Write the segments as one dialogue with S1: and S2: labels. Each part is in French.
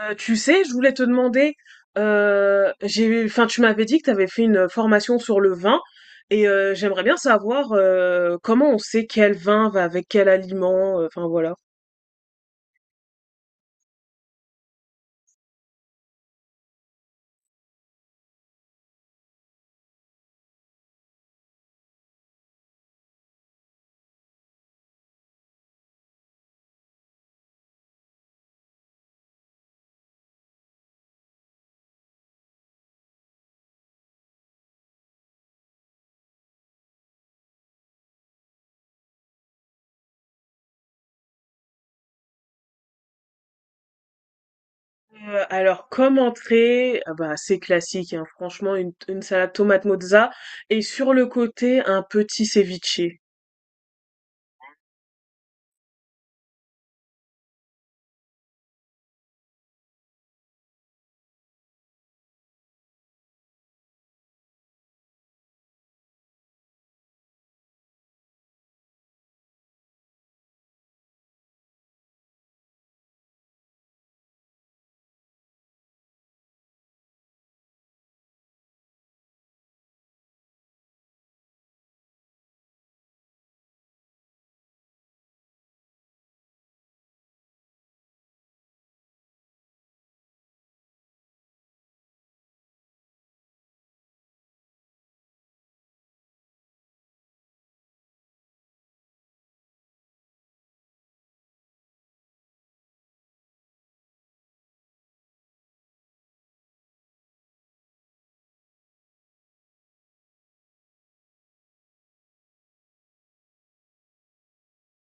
S1: Tu sais, je voulais te demander, j'ai, enfin, tu m'avais dit que tu avais fait une formation sur le vin et j'aimerais bien savoir comment on sait quel vin va avec quel aliment, enfin voilà. Alors, comme entrée, ah bah, c'est classique, hein, franchement, une salade tomate mozza et sur le côté, un petit ceviche.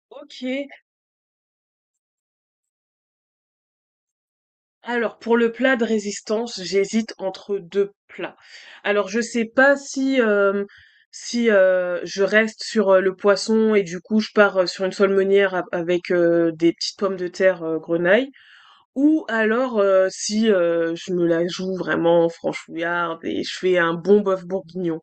S1: Ok. Alors pour le plat de résistance, j'hésite entre 2 plats. Alors je sais pas si, si, je reste sur, le poisson et du coup je pars, sur une seule meunière av avec, des petites pommes de terre, grenaille ou alors, si, je me la joue vraiment franchouillarde et je fais un bon bœuf bourguignon.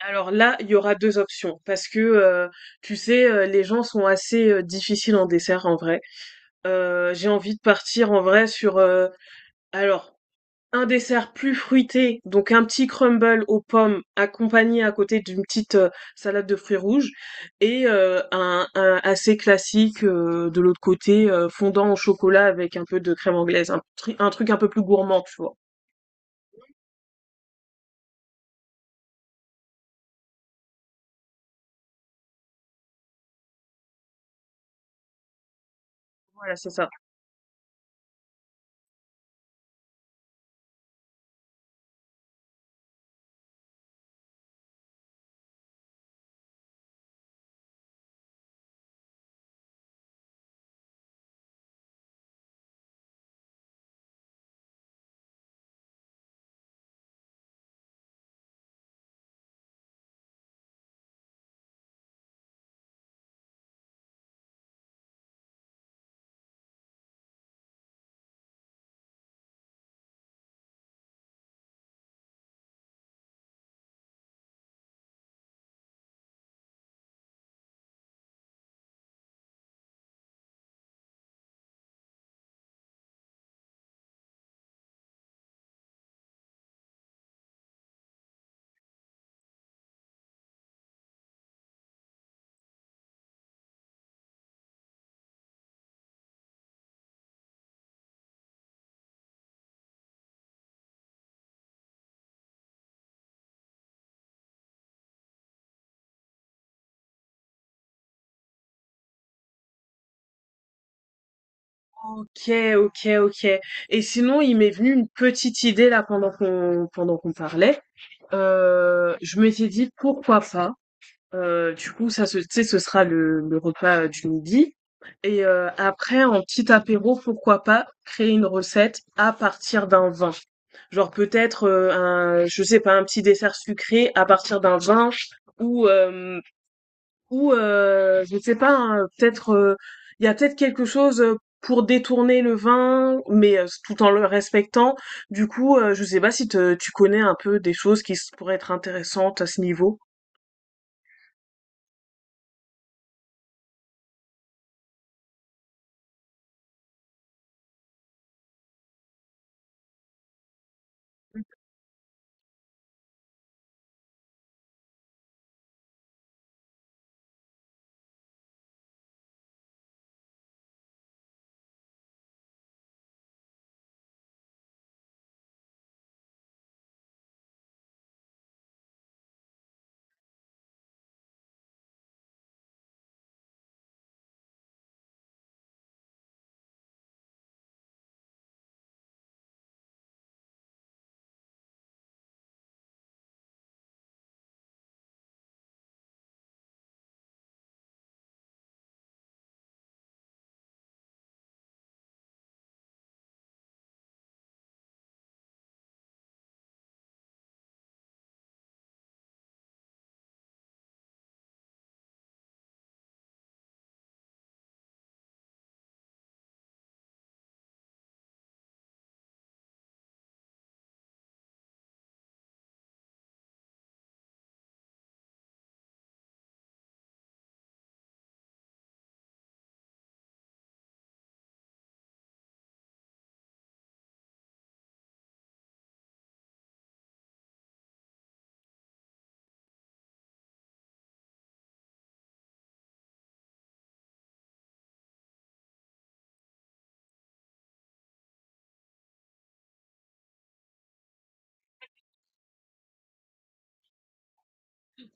S1: Alors là, il y aura 2 options parce que, tu sais, les gens sont assez, difficiles en dessert en vrai. J'ai envie de partir en vrai sur, alors un dessert plus fruité, donc un petit crumble aux pommes accompagné à côté d'une petite salade de fruits rouges et un assez classique de l'autre côté fondant au chocolat avec un peu de crème anglaise, un truc un peu plus gourmand, tu vois. Voilà, c'est ça. Ok, ok, ok. Et sinon, il m'est venu une petite idée là pendant qu'on parlait. Je m'étais dit pourquoi pas. Du coup, ça, ce tu sais, ce sera le repas, du midi et après en petit apéro, pourquoi pas créer une recette à partir d'un vin. Genre peut-être, un je sais pas, un petit dessert sucré à partir d'un vin ou ou je sais pas, hein, peut-être, il y a peut-être quelque chose, pour détourner le vin, mais tout en le respectant. Du coup, je sais pas si te tu connais un peu des choses qui s pourraient être intéressantes à ce niveau?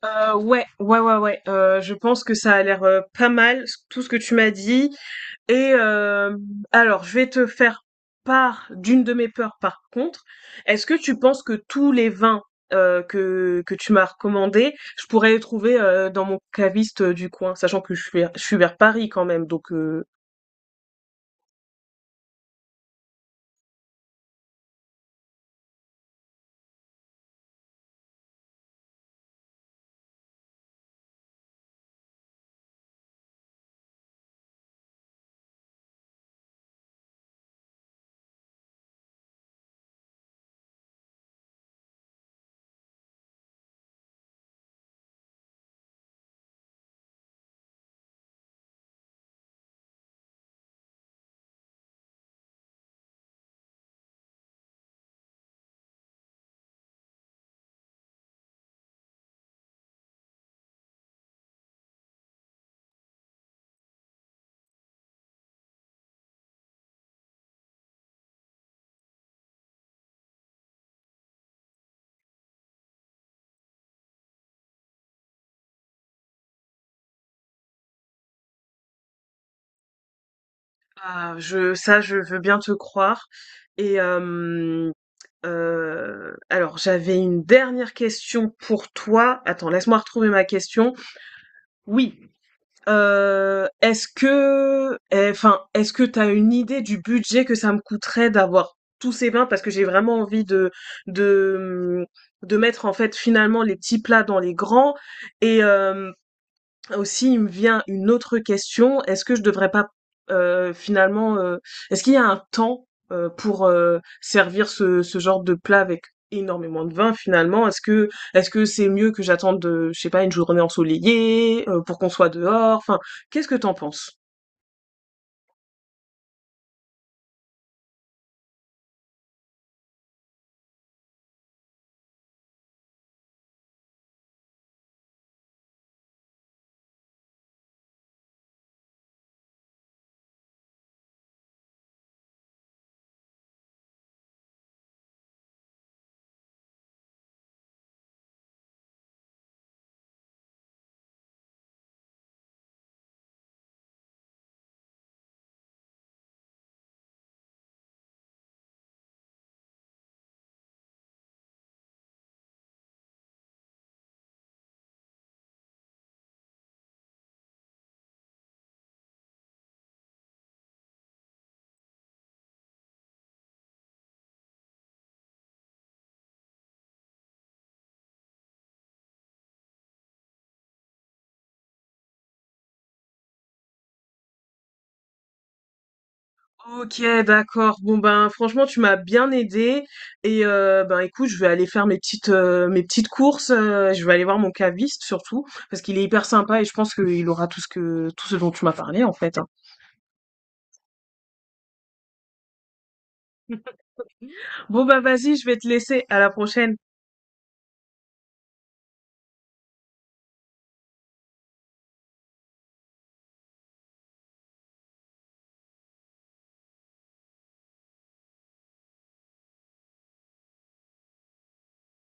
S1: Ouais, ouais, ouais, ouais. Je pense que ça a l'air pas mal, tout ce que tu m'as dit. Et alors, je vais te faire part d'une de mes peurs par contre. Est-ce que tu penses que tous les vins que tu m'as recommandés, je pourrais les trouver dans mon caviste du coin, sachant que je suis vers Paris quand même. Donc, ah, je veux bien te croire. Et alors, j'avais une dernière question pour toi. Attends, laisse-moi retrouver ma question. Oui. Est-ce que enfin, est-ce que t'as une idée du budget que ça me coûterait d'avoir tous ces vins? Parce que j'ai vraiment envie de, mmh, de mettre, en fait, finalement, les petits plats dans les grands et hem aussi, il me vient une autre question. Est-ce que je devrais pas finalement, est-ce qu'il y a un temps pour servir ce genre de plat avec énormément de vin finalement? Est-ce que c'est mieux que j'attende, je sais pas, une journée ensoleillée pour qu'on soit dehors? Enfin, qu'est-ce que t'en penses? Ok, d'accord. Bon ben franchement tu m'as bien aidé et ben écoute je vais aller faire mes petites courses. Je vais aller voir mon caviste surtout parce qu'il est hyper sympa et je pense qu'il aura tout ce dont tu m'as parlé en fait, hein. Bon ben vas-y je vais te laisser. À la prochaine.